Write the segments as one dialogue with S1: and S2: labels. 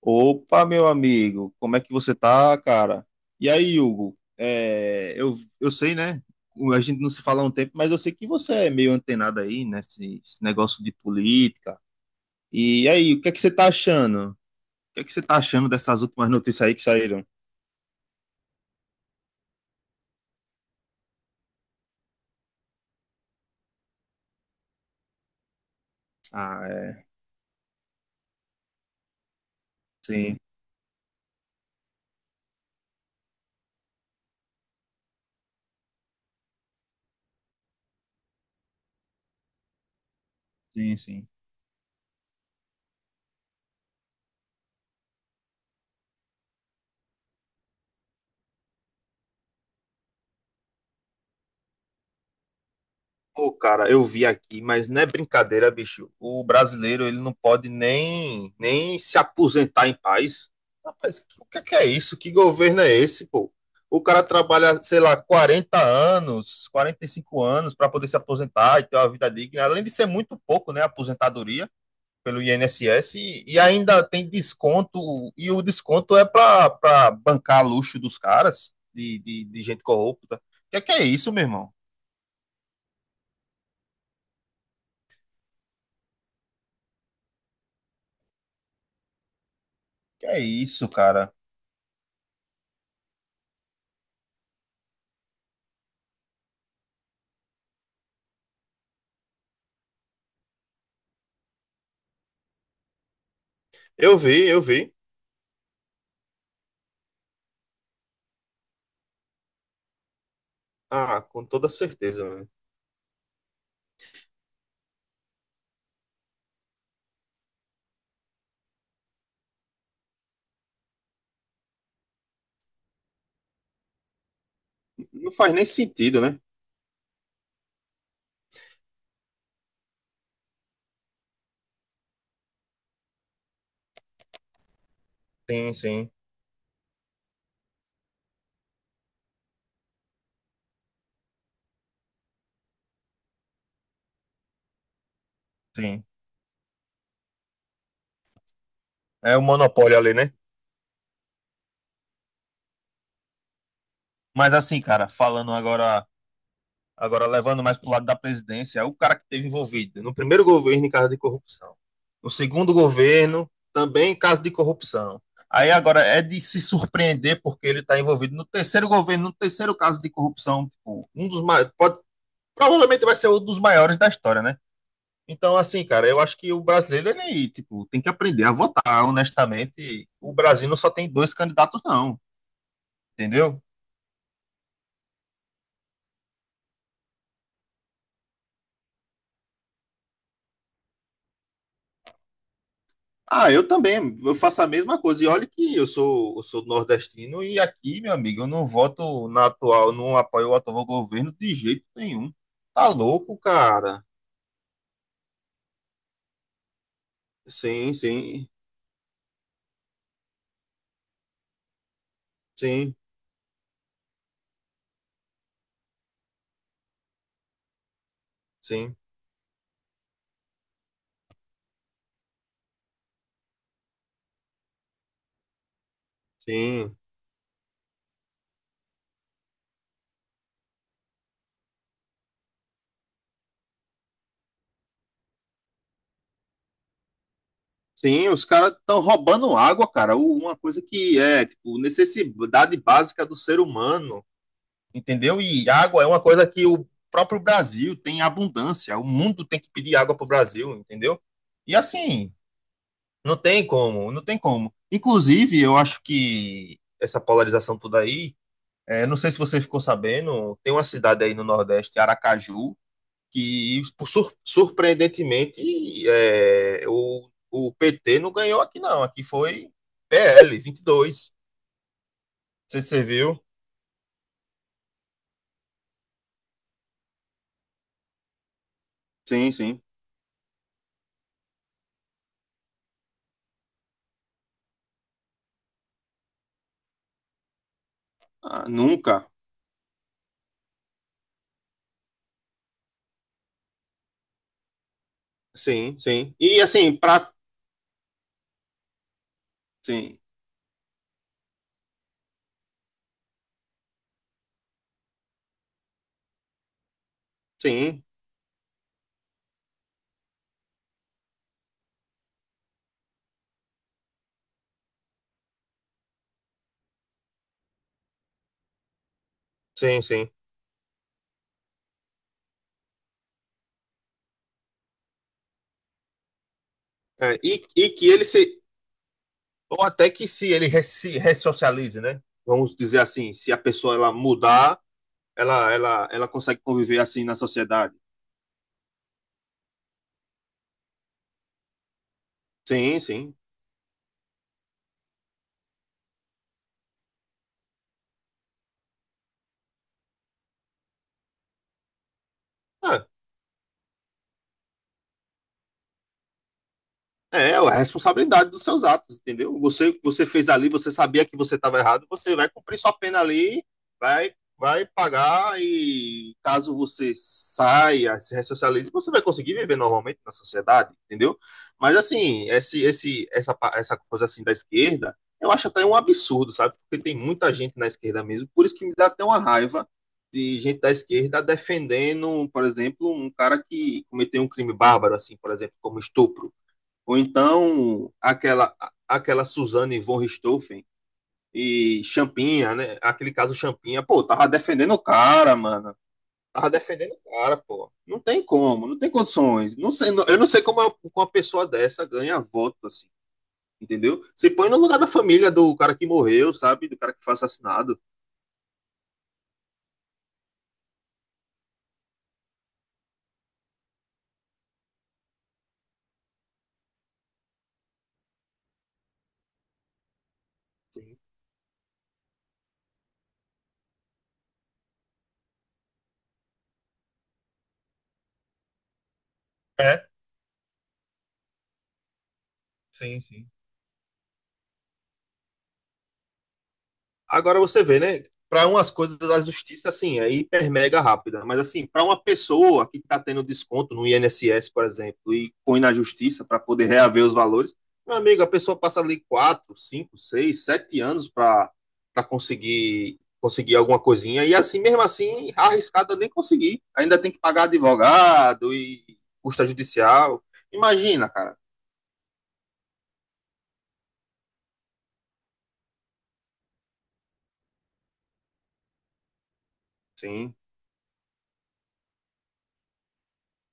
S1: Opa, meu amigo, como é que você tá, cara? E aí, Hugo? Eu sei, né? A gente não se fala há um tempo, mas eu sei que você é meio antenado aí, né? Esse negócio de política. E aí, o que é que você tá achando? O que é que você tá achando dessas últimas notícias aí que saíram? Ah, é. Sim, sim, sim. Pô, cara, eu vi aqui, mas não é brincadeira, bicho. O brasileiro, ele não pode nem se aposentar em paz. Rapaz, o que é isso? Que governo é esse, pô? O cara trabalha, sei lá, 40 anos, 45 anos para poder se aposentar e ter uma vida digna, além de ser muito pouco, né, a aposentadoria pelo INSS e ainda tem desconto, e o desconto é para bancar luxo dos caras, de gente corrupta. O que é isso, meu irmão? Que é isso, cara? Eu vi, eu vi. Ah, com toda certeza, né? Não faz nem sentido, né? Sim, sim, sim. É o monopólio ali, né? Mas assim, cara, falando agora, agora levando mais pro lado da presidência, é o cara que esteve envolvido no primeiro governo em caso de corrupção. No segundo governo, também em caso de corrupção. Aí agora é de se surpreender porque ele está envolvido no terceiro governo, no terceiro caso de corrupção, tipo, um dos mais, pode, provavelmente vai ser um dos maiores da história, né? Então, assim, cara, eu acho que o brasileiro, ele, tipo, tem que aprender a votar, honestamente. O Brasil não só tem dois candidatos, não, entendeu? Ah, eu também, eu faço a mesma coisa. E olha que eu sou nordestino e aqui, meu amigo, eu não voto na atual, não apoio o atual governo de jeito nenhum. Tá louco, cara? Sim, sim, sim, sim, sim. Sim, os caras estão roubando água, cara. Uma coisa que é, tipo, necessidade básica do ser humano. Entendeu? E água é uma coisa que o próprio Brasil tem abundância, o mundo tem que pedir água para o Brasil, entendeu? E assim, não tem como, não tem como. Inclusive, eu acho que essa polarização toda aí, é, não sei se você ficou sabendo, tem uma cidade aí no Nordeste, Aracaju, que por surpreendentemente é, o PT não ganhou aqui não, aqui foi PL 22. Você, você viu? Sim, sim. Ah, nunca. Sim, sim. E assim, pra. Sim, sim, sim, sim. É, e que ele se. Ou até que se ele re- se ressocialize, né? Vamos dizer assim, se a pessoa ela mudar, ela consegue conviver assim na sociedade. Sim, sim. É. É, ué, a responsabilidade dos seus atos, entendeu? Você, você fez ali, você sabia que você estava errado, você vai cumprir sua pena ali, vai pagar e caso você saia, se ressocialize, você vai conseguir viver normalmente na sociedade, entendeu? Mas assim, essa coisa assim da esquerda, eu acho até um absurdo, sabe? Porque tem muita gente na esquerda mesmo, por isso que me dá até uma raiva de gente da esquerda defendendo, por exemplo, um cara que cometeu um crime bárbaro, assim, por exemplo, como estupro. Ou então aquela Suzane von Richthofen e Champinha, né? Aquele caso Champinha, pô, tava defendendo o cara, mano. Tava defendendo o cara, pô. Não tem como, não tem condições. Não sei, eu não sei como uma pessoa dessa ganha voto, assim, entendeu? Se põe no lugar da família do cara que morreu, sabe? Do cara que foi assassinado. Sim. É, sim, sim. Agora você vê, né? Para umas coisas, a justiça, assim, é hiper mega rápida. Mas, assim, para uma pessoa que está tendo desconto no INSS, por exemplo, e põe na justiça para poder reaver os valores, meu amigo, a pessoa passa ali 4 5 6 7 anos para conseguir alguma coisinha. E, assim, mesmo assim, arriscada nem conseguir. Ainda tem que pagar advogado e custa judicial. Imagina, cara. Sim,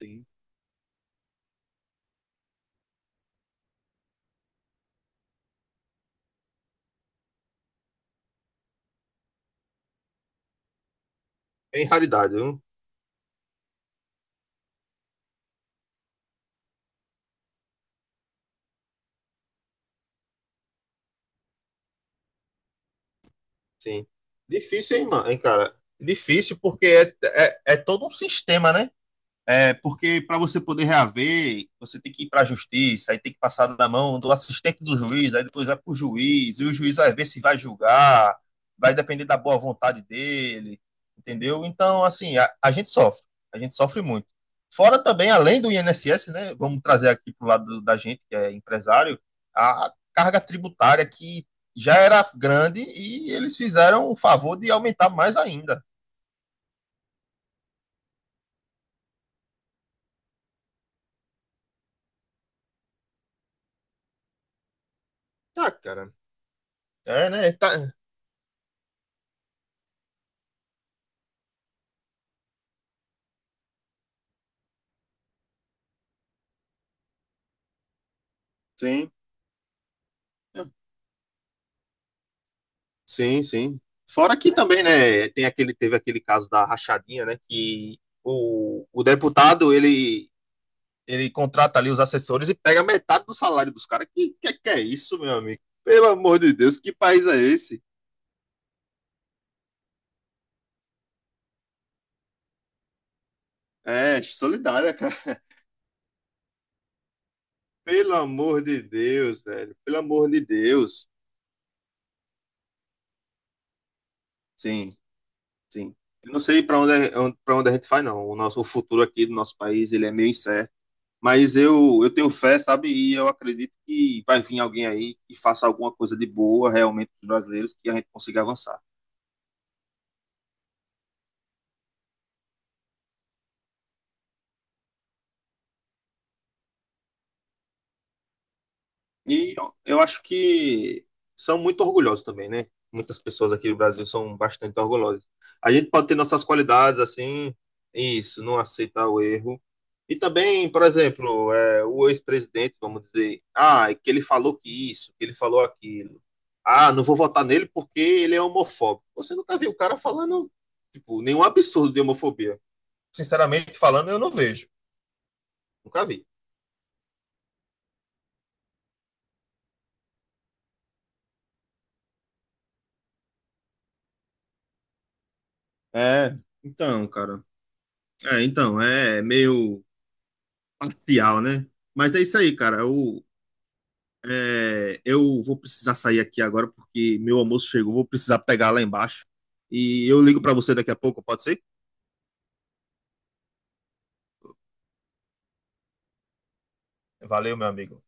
S1: sim. Bem raridade, viu? Sim. Difícil, hein, mano, hein, cara? Difícil porque é todo um sistema, né? É, porque para você poder reaver, você tem que ir para a justiça, aí tem que passar na mão do assistente do juiz, aí depois vai para o juiz, e o juiz vai ver se vai julgar, vai depender da boa vontade dele, entendeu? Então, assim, a gente sofre muito. Fora também, além do INSS, né, vamos trazer aqui para o lado da gente, que é empresário, a carga tributária que já era grande e eles fizeram o favor de aumentar mais ainda. Tá, cara. É, né? Tá. Sim. Sim, sim. Fora que também, né, tem aquele, teve aquele caso da rachadinha, né, que o deputado, ele contrata ali os assessores e pega metade do salário dos caras. Que é isso, meu amigo? Pelo amor de Deus, que país é esse? É, solidária, cara. Pelo amor de Deus, velho. Pelo amor de Deus. Sim, sim. Eu não sei para onde a gente vai, não. O nosso o futuro aqui do nosso país, ele é meio incerto. Mas eu tenho fé, sabe? E eu acredito que vai vir alguém aí que faça alguma coisa de boa realmente para os brasileiros, que a gente consiga avançar. E eu acho que são muito orgulhosos também, né? Muitas pessoas aqui do Brasil são bastante orgulhosas. A gente pode ter nossas qualidades, assim, isso, não aceitar o erro. E também, por exemplo, é, o ex-presidente, vamos dizer, ah, é que ele falou que isso, que ele falou aquilo. Ah, não vou votar nele porque ele é homofóbico. Você nunca viu o cara falando, tipo, nenhum absurdo de homofobia. Sinceramente falando, eu não vejo. Nunca vi. É, então, cara. É, então, é meio parcial, né? Mas é isso aí, cara. Eu, é, eu vou precisar sair aqui agora porque meu almoço chegou. Vou precisar pegar lá embaixo. E eu ligo pra você daqui a pouco, pode ser? Valeu, meu amigo.